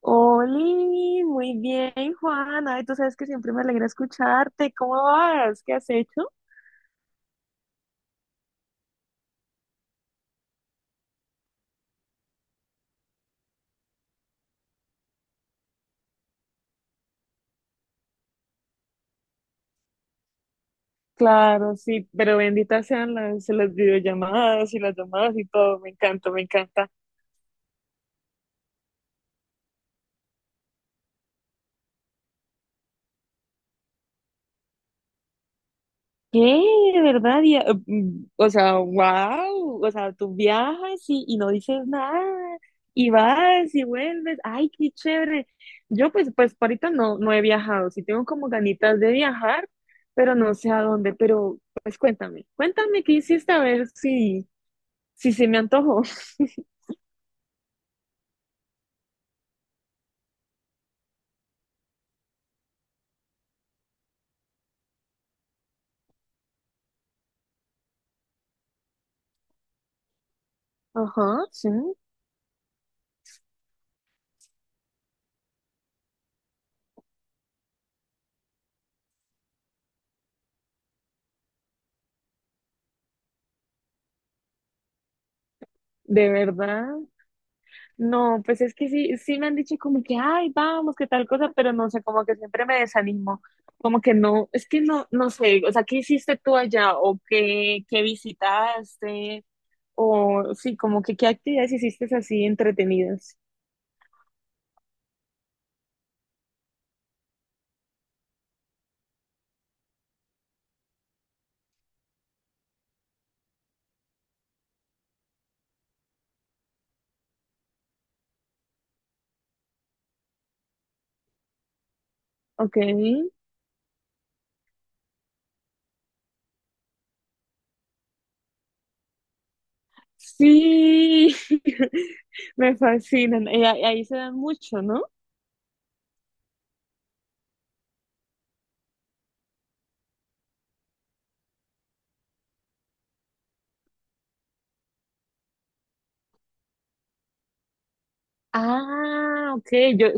Oli, muy bien, Juan. Ay, tú sabes que siempre me alegra escucharte. ¿Cómo vas? ¿Qué has hecho? Claro, sí, pero benditas sean las videollamadas y las llamadas y todo. Me encanta, me encanta. ¿Qué? ¿De verdad? Y, o sea, wow. O sea, tú viajas y no dices nada. Y vas y vuelves. Ay, qué chévere. Yo pues por ahorita no he viajado. Sí tengo como ganitas de viajar, pero no sé a dónde. Pero pues cuéntame, cuéntame qué hiciste a ver si, si se me antojó. Ajá, sí. De verdad. No, pues es que sí, sí me han dicho como que, ay, vamos, qué tal cosa, pero no sé, como que siempre me desanimo, como que no, es que no, no sé, o sea, ¿qué hiciste tú allá? ¿O qué, qué visitaste? O sí, como que qué actividades hiciste así entretenidas. Ok, sí, me fascinan, y ahí se dan mucho, ¿no? Ah, ok, yo.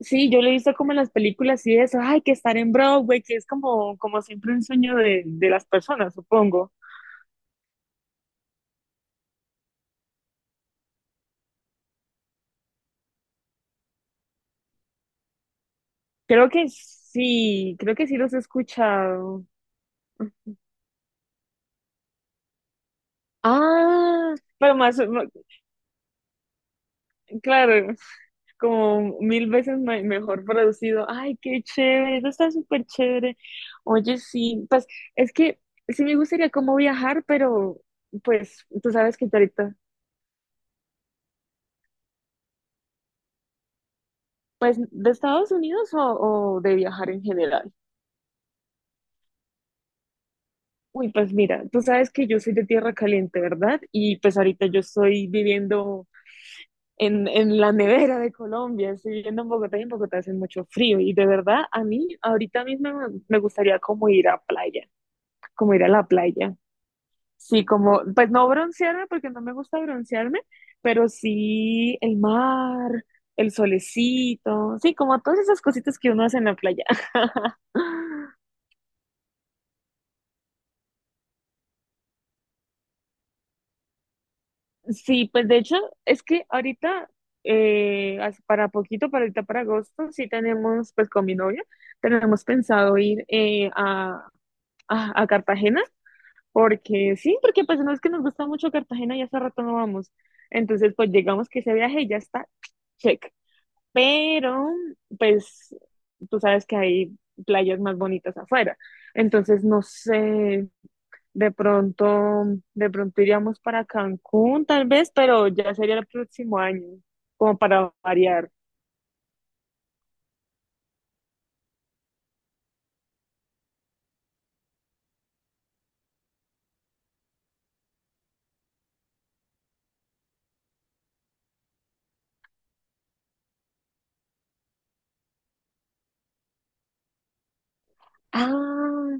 Sí, yo lo he visto como en las películas y eso, ay, que estar en Broadway, que es como, como siempre un sueño de las personas, supongo. Creo que sí los he escuchado. Ah, pero claro, como mil veces mejor producido. Ay, qué chévere, eso está súper chévere. Oye, sí, pues es que sí me gustaría como viajar, pero pues tú sabes que ahorita, pues de Estados Unidos o de viajar en general. Uy, pues mira, tú sabes que yo soy de tierra caliente, ¿verdad? Y pues ahorita yo estoy viviendo en la nevera de Colombia, estoy viviendo en Bogotá y en Bogotá hace mucho frío. Y de verdad, a mí ahorita mismo me gustaría como ir a playa, como ir a la playa. Sí, como, pues no broncearme porque no me gusta broncearme, pero sí el mar, el solecito, sí, como todas esas cositas que uno hace en la playa. Sí, pues de hecho, es que ahorita, para poquito, para ahorita, para agosto, sí tenemos, pues con mi novia, tenemos pensado ir a, a Cartagena, porque sí, porque pues no es que nos gusta mucho Cartagena y hace rato no vamos. Entonces, pues llegamos que ese viaje y ya está, check. Pero, pues, tú sabes que hay playas más bonitas afuera. Entonces, no sé, de pronto, de pronto iríamos para Cancún, tal vez, pero ya sería el próximo año, como para variar. Ah,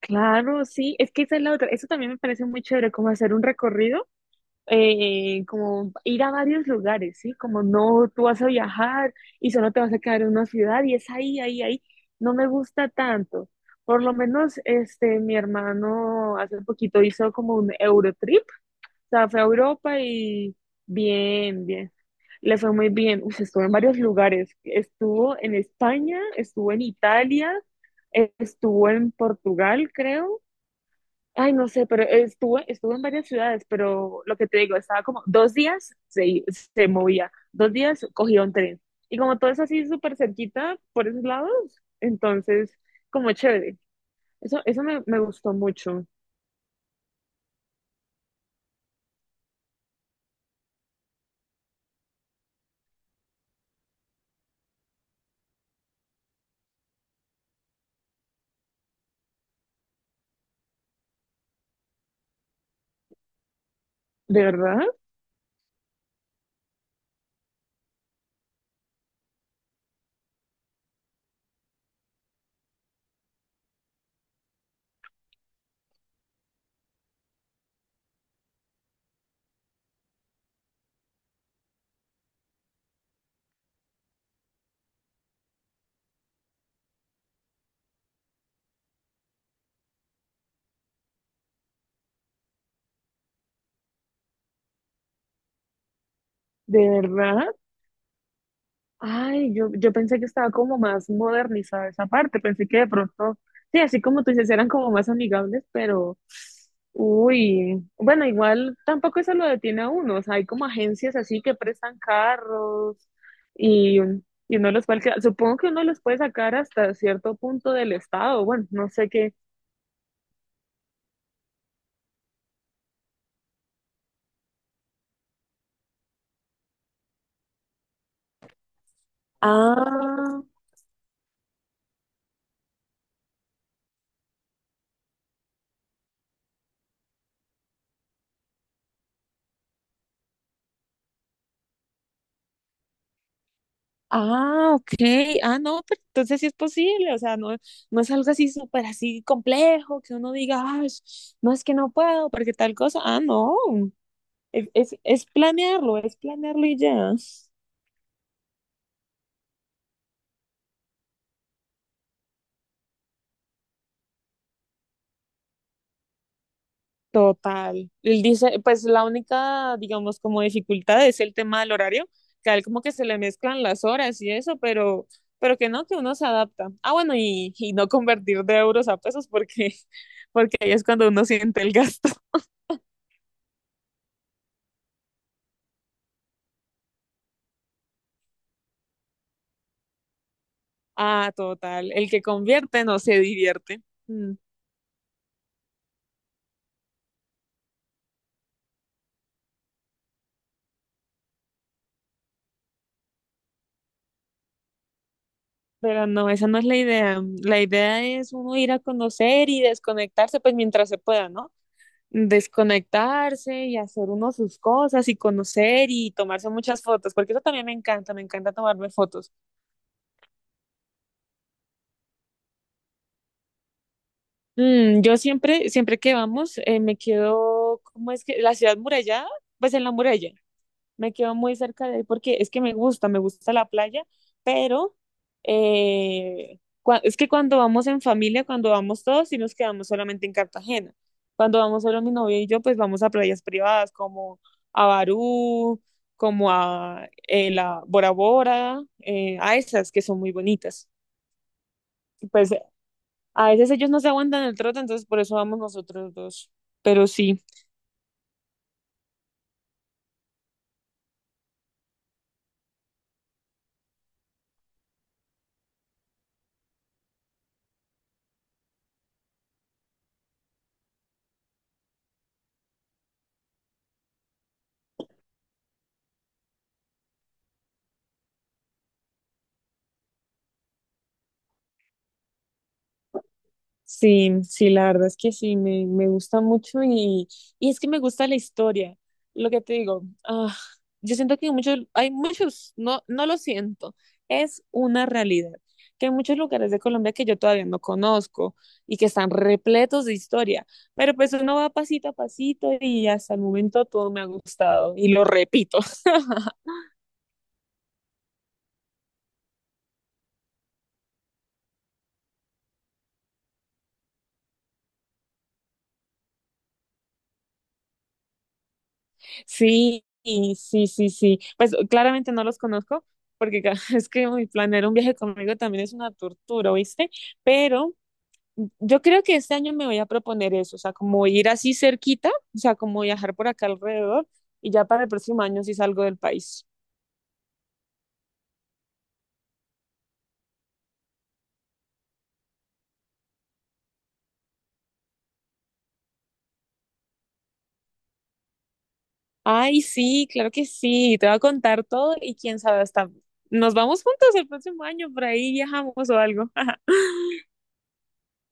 claro, sí, es que esa es la otra. Eso también me parece muy chévere, como hacer un recorrido, como ir a varios lugares, ¿sí? Como no, tú vas a viajar y solo te vas a quedar en una ciudad y es ahí, ahí, ahí. No me gusta tanto. Por lo menos, este, mi hermano hace poquito hizo como un Eurotrip. O sea, fue a Europa y bien, bien. Le fue muy bien. Uy, estuvo en varios lugares. Estuvo en España, estuvo en Italia, estuvo en Portugal, creo. Ay, no sé, pero estuvo, estuvo en varias ciudades, pero lo que te digo, estaba como dos días se movía, dos días cogía un tren. Y como todo es así súper cerquita por esos lados, entonces, como chévere. Eso me, me gustó mucho. ¿De verdad? ¿De verdad? Ay, yo pensé que estaba como más modernizada esa parte, pensé que de pronto, sí, así como tú dices, eran como más amigables, pero, uy, bueno, igual tampoco eso lo detiene a uno, o sea, hay como agencias así que prestan carros y, y uno los puede alquilar. Supongo que uno los puede sacar hasta cierto punto del estado, bueno, no sé qué. Ah. Ah, ok. Ah, no, pero entonces sí es posible. O sea, no, no es algo así súper así complejo que uno diga: "Ay, no es que no puedo porque tal cosa". Ah, no. Es planearlo y ya. Total. Él dice, pues la única, digamos, como dificultad es el tema del horario, que a él como que se le mezclan las horas y eso, pero que no, que uno se adapta. Ah, bueno, y no convertir de euros a pesos porque, porque ahí es cuando uno siente el gasto. Ah, total. El que convierte no se divierte. Mm. Pero no, esa no es la idea. Mm. La idea es uno ir a conocer y desconectarse, pues mientras se pueda, ¿no? Desconectarse y hacer uno sus cosas y conocer y tomarse muchas fotos, porque eso también me encanta tomarme fotos. Mm, yo siempre, siempre que vamos, me quedo, ¿cómo es que? La ciudad murallada, pues en la muralla. Me quedo muy cerca de ahí porque es que me gusta la playa, pero es que cuando vamos en familia, cuando vamos todos, sí nos quedamos solamente en Cartagena. Cuando vamos solo mi novia y yo, pues vamos a playas privadas como a Barú, como a la Bora Bora, a esas que son muy bonitas. Pues a veces ellos no se aguantan el trote, entonces por eso vamos nosotros dos. Pero sí. Sí, sí, la verdad es que sí, me gusta mucho y es que me gusta la historia, lo que te digo, ah, yo siento que muchos, hay muchos, no, no lo siento, es una realidad, que hay muchos lugares de Colombia que yo todavía no conozco y que están repletos de historia, pero pues uno va pasito a pasito y hasta el momento todo me ha gustado y lo repito. Sí, y sí, sí, sí. Pues claramente no los conozco, porque es que uy, planear un viaje conmigo también es una tortura, ¿viste? Pero mm, yo creo que este año me voy a proponer eso, o sea, como ir así cerquita, o sea, como viajar por acá alrededor, y ya para el próximo año sí salgo del país. Ay, sí, claro que sí, te voy a contar todo y quién sabe, hasta nos vamos juntos el próximo año, por ahí viajamos o algo.